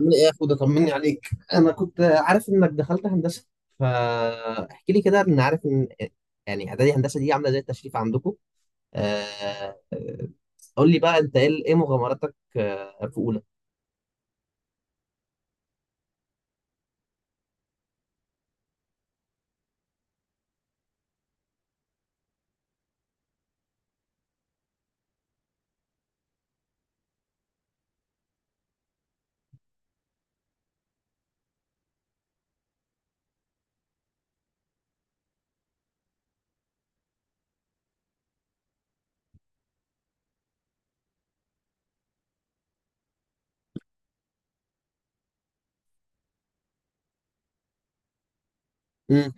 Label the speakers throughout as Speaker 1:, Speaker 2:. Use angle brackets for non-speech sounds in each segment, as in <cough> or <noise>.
Speaker 1: عامل ايه يا اخو ده؟ طمني عليك. انا كنت عارف انك دخلت هندسه، فاحكي لي كده. ان عارف ان يعني اعدادي هندسه دي عامله زي التشريف عندكم؟ آه، آه، قول لي بقى انت ايه ايه مغامراتك في اولى. امم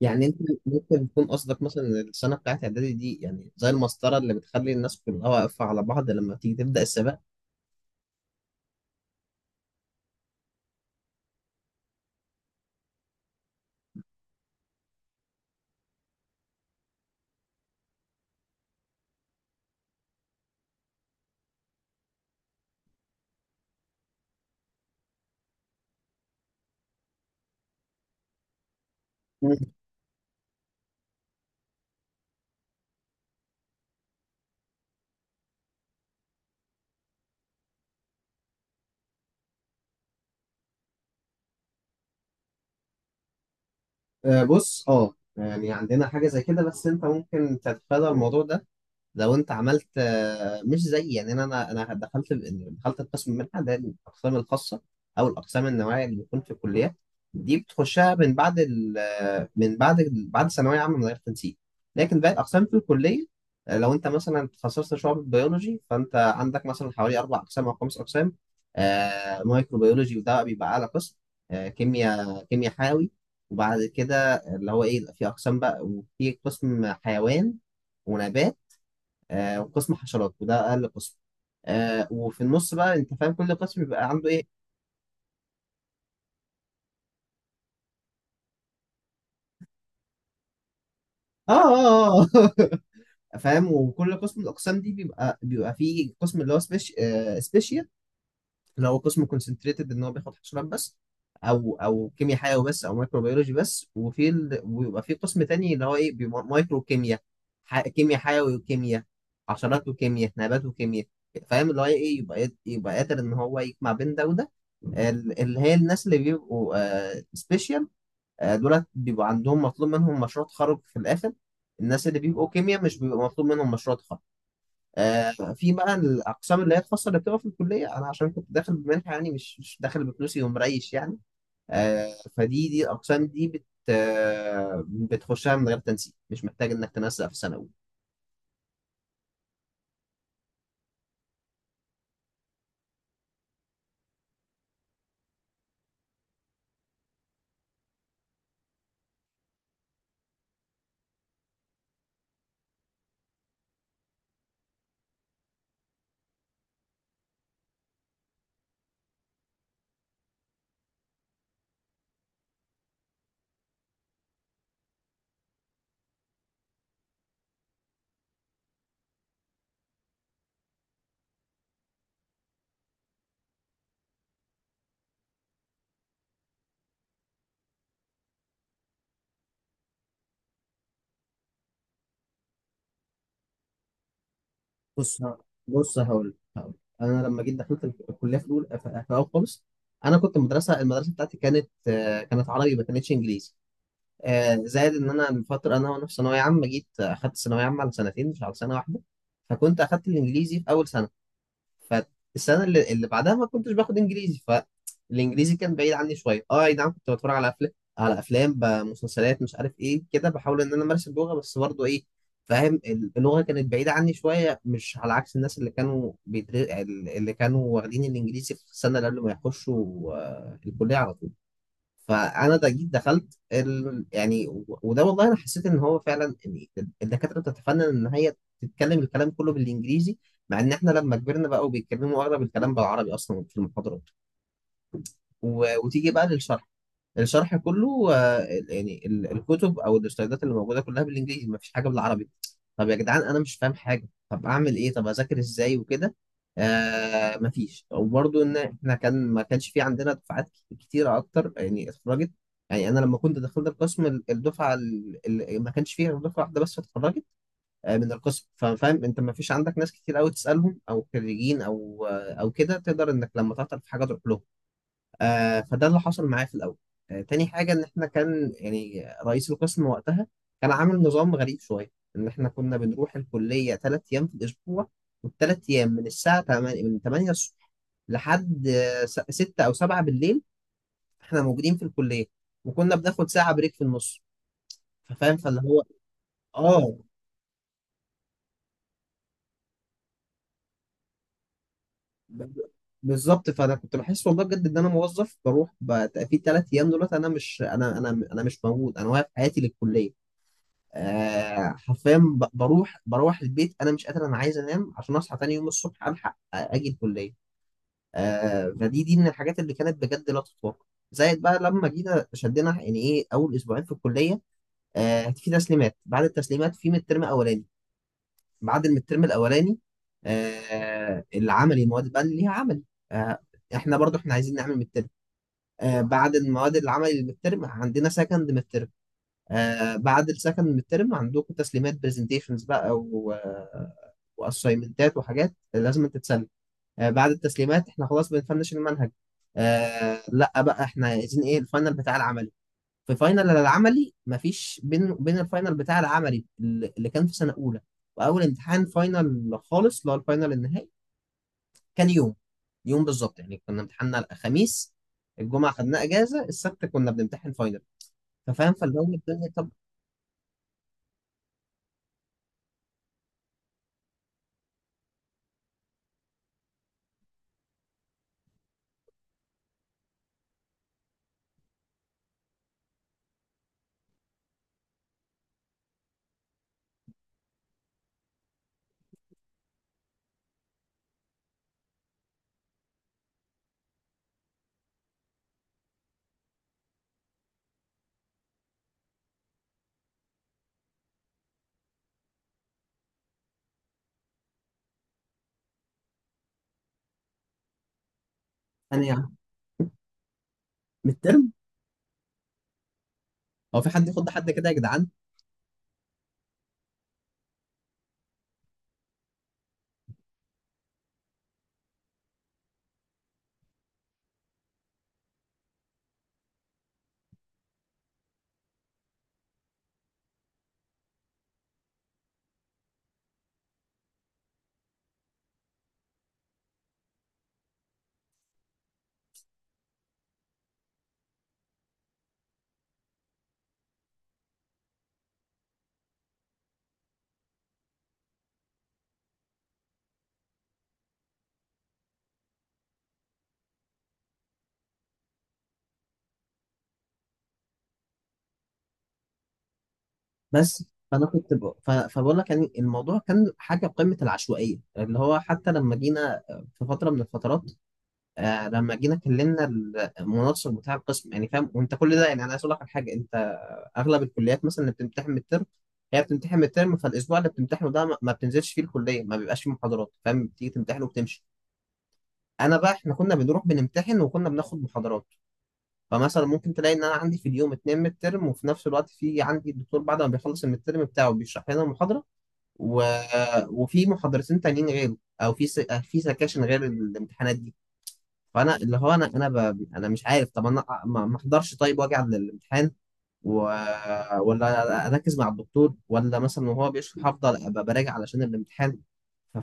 Speaker 1: يعني انت ممكن يكون قصدك مثلا إن السنه بتاعت اعدادي دي يعني زي المسطره اللي بتخلي الناس كلها واقفه على بعض لما تيجي تبدا السباق. مم. بص، اه يعني عندنا حاجه زي كده، بس انت ممكن تتفادى الموضوع ده لو انت عملت، مش زي، يعني انا انا أنا دخلت القسم منحه. ده الاقسام الخاصه او الاقسام النوعيه اللي بيكون في الكليات، دي بتخشها من بعد ال من بعد بعد ثانويه عامه من غير تنسيق. لكن باقي الاقسام في الكليه، لو انت مثلا اتخصصت شعب بيولوجي، فانت عندك مثلا حوالي اربع اقسام او خمس اقسام. مايكروبيولوجي، وده بقى بيبقى اعلى قسم. كيمياء حيوي. وبعد كده اللي هو ايه، في اقسام بقى، وفي قسم حيوان ونبات. وقسم حشرات، وده اقل قسم. آه، وفي النص بقى انت فاهم كل قسم بيبقى عنده ايه. اه، اه، اه. <laughs> فاهم؟ وكل قسم من الاقسام دي بيبقى فيه قسم اللي هو سبيشال، لو هو قسم كونسنتريتد ان هو بياخد حشرات بس، او كيمياء حيوي بس او مايكروبيولوجي بس. وفي ال... ويبقى في قسم تاني اللي هو ايه، بيبقى مايكرو كيمياء، كيمياء حيوي وكيمياء حشرات وكيمياء نبات وكيمياء. فاهم اللي هو ايه؟ يبقى قادر ان هو يجمع بين ده وده. اللي هي الناس اللي بيبقوا سبيشال دولت، بيبقى عندهم مطلوب منهم مشروع تخرج في الاخر. الناس اللي بيبقوا كيمياء مش بيبقى مطلوب منهم مشروع تخرج. في بقى الاقسام اللي هي الخاصه اللي بتبقى في الكليه، انا عشان كنت داخل بمنحه، يعني مش داخل بفلوسي ومريش يعني. دي الاقسام دي بت آه، بتخشها من غير تنسيق، مش محتاج انك تنسق في سنه اولى. بص ه- بص هقول هقول انا لما جيت دخلت الكليه في الاول، في اول خالص انا كنت مدرسه، المدرسه بتاعتي كانت كانت عربي، ما كانتش انجليزي. زائد ان انا من فتره، انا وانا في ثانويه عامه جيت اخدت ثانويه عامه على سنتين، مش على سنه واحده. فكنت اخدت الانجليزي في اول سنه، فالسنه اللي بعدها ما كنتش باخد انجليزي. فالانجليزي كان بعيد عني شويه. اه، اي نعم، كنت بتفرج على افلام، بمسلسلات، مش عارف ايه كده، بحاول ان انا امارس اللغه، بس برضه ايه، فاهم؟ اللغه كانت بعيده عني شويه، مش على عكس الناس اللي كانوا بيدر... اللي كانوا واخدين الانجليزي في السنه اللي قبل ما يخشوا الكليه على طول. فانا ده جيت دخلت ال... يعني وده والله انا حسيت ان هو فعلا إن الدكاتره بتتفنن ان هي تتكلم الكلام كله بالانجليزي، مع ان احنا لما كبرنا بقى وبيتكلموا اغلب الكلام بالعربي اصلا في المحاضرات. وتيجي بقى للشرح، الشرح كله يعني الكتب او الاستعدادات اللي موجوده كلها بالانجليزي، ما فيش حاجه بالعربي. طب يا جدعان انا مش فاهم حاجه، طب اعمل ايه؟ طب اذاكر ازاي وكده؟ آه ما فيش. وبرضه ان احنا كان ما كانش في عندنا دفعات كتيره اكتر يعني اتخرجت. يعني انا لما كنت دخلت القسم، الدفعه اللي ما كانش فيها غير دفعه واحده بس اتخرجت من القسم. ففاهم انت، ما فيش عندك ناس كتير قوي تسالهم، او خريجين او او كده، تقدر انك لما تعطل في حاجه تروح لهم. آه، فده اللي حصل معايا في الاول. آه، تاني حاجه، ان احنا كان يعني رئيس القسم وقتها كان عامل نظام غريب شويه ان احنا كنا بنروح الكليه 3 ايام في الاسبوع، والثلاث ايام من الساعه 8، من 8 الصبح لحد 6 او 7 بالليل احنا موجودين في الكليه، وكنا بناخد ساعه بريك في النص. فاهم؟ فاللي هو اه، ب- بالظبط. فانا كنت بحس والله بجد ان انا موظف، بروح في 3 ايام دولت، انا مش انا انا انا مش موجود، انا واقف حياتي للكليه. آه حرفيا، بروح البيت انا مش قادر، انا عايز انام عشان اصحى تاني يوم الصبح الحق اجي الكليه. آه، دي من الحاجات اللي كانت بجد لا تتوقع. زائد بقى لما جينا شدينا يعني ايه، اول اسبوعين في الكليه، آه، في تسليمات. بعد التسليمات في مترم اولاني. بعد المترم الاولاني، آه، العملي، المواد بقى اللي ليها عملي. آه، احنا برضو احنا عايزين نعمل مترم. آه، بعد المواد العملي اللي بالترم عندنا سكند مترم. آه، بعد السكند الترم عندكم تسليمات، برزنتيشنز بقى، و واسايمنتات وحاجات لازم تتسلم. آه، بعد التسليمات احنا خلاص بنفنش المنهج. آه، لا بقى احنا عايزين ايه الفاينل بتاع العملي. في فاينل العملي، مفيش بين الفاينل بتاع العملي اللي كان في سنة أولى وأول امتحان فاينل خالص اللي هو الفاينل النهائي، كان يوم بالظبط. يعني كنا امتحاننا الخميس، الجمعة خدنا أجازة، السبت كنا بنمتحن فاينل. ففاهم، فاللي هو الدنيا. طب أنا يعني من، هو في حد يخض حد كده يا جدعان؟ بس، فانا كنت ب... ف... فبقول لك يعني الموضوع كان حاجه قمه العشوائيه، اللي هو حتى لما جينا في فتره من الفترات، آه، لما جينا كلمنا المناصر بتاع القسم. يعني فاهم وانت كل ده، يعني انا عايز اقول لك على حاجه انت: اغلب الكليات مثلا اللي بتمتحن الترم هي بتمتحن من الترم، فالاسبوع اللي بتمتحنه ده ما بتنزلش فيه الكليه، ما بيبقاش فيه محاضرات، فاهم؟ بتيجي تمتحن وبتمشي. انا بقى احنا كنا بنروح بنمتحن، وكنا بناخد محاضرات. فمثلا ممكن تلاقي ان انا عندي في اليوم اتنين ميد ترم، وفي نفس الوقت في عندي الدكتور بعد ما بيخلص الميد ترم بتاعه بيشرح لنا محاضره، و... وفي محاضرتين تانيين غيره، او في في سكاشن غير الامتحانات دي. فانا اللي هو انا انا ب... انا مش عارف. طب انا ما احضرش طيب واجي على الامتحان، و... ولا اركز مع الدكتور ولا مثلا وهو بيشرح افضل ابقى براجع علشان الامتحان؟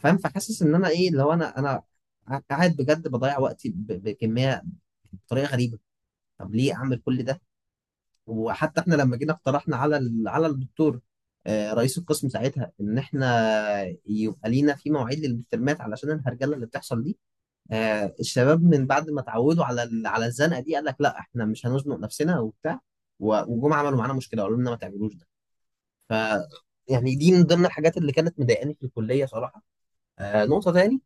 Speaker 1: فاهم؟ فحاسس ان انا ايه اللي هو انا قاعد بجد بضيع وقتي ب... بكميه، بطريقه غريبه. طب ليه اعمل كل ده؟ وحتى احنا لما جينا اقترحنا على على الدكتور، آه، رئيس القسم ساعتها، ان احنا يبقى لينا في مواعيد للمترمات علشان الهرجله اللي بتحصل دي. آه، الشباب من بعد ما اتعودوا على على الزنقه دي، قال لك لا احنا مش هنزنق نفسنا وبتاع، وجم عملوا معانا مشكله، قالوا لنا ما تعملوش ده. ف يعني دي من ضمن الحاجات اللي كانت مضايقاني في الكليه صراحه. آه، نقطه تاني،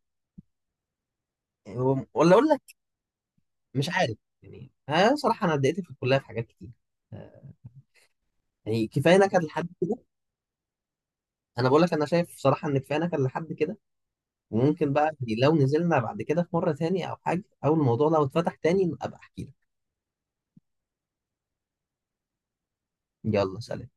Speaker 1: آه، ولا اقول لك؟ مش عارف يعني، آه، صراحه انا اتضايقت في الكليه في حاجات كتير، آه، يعني كفايه نكد لحد. انا بقول لك انا شايف بصراحه ان كفايه، كان لحد كده. وممكن بقى لو نزلنا بعد كده في مره تاني او حاجه، او الموضوع لو اتفتح تاني ابقى احكي لك. يلا سلام.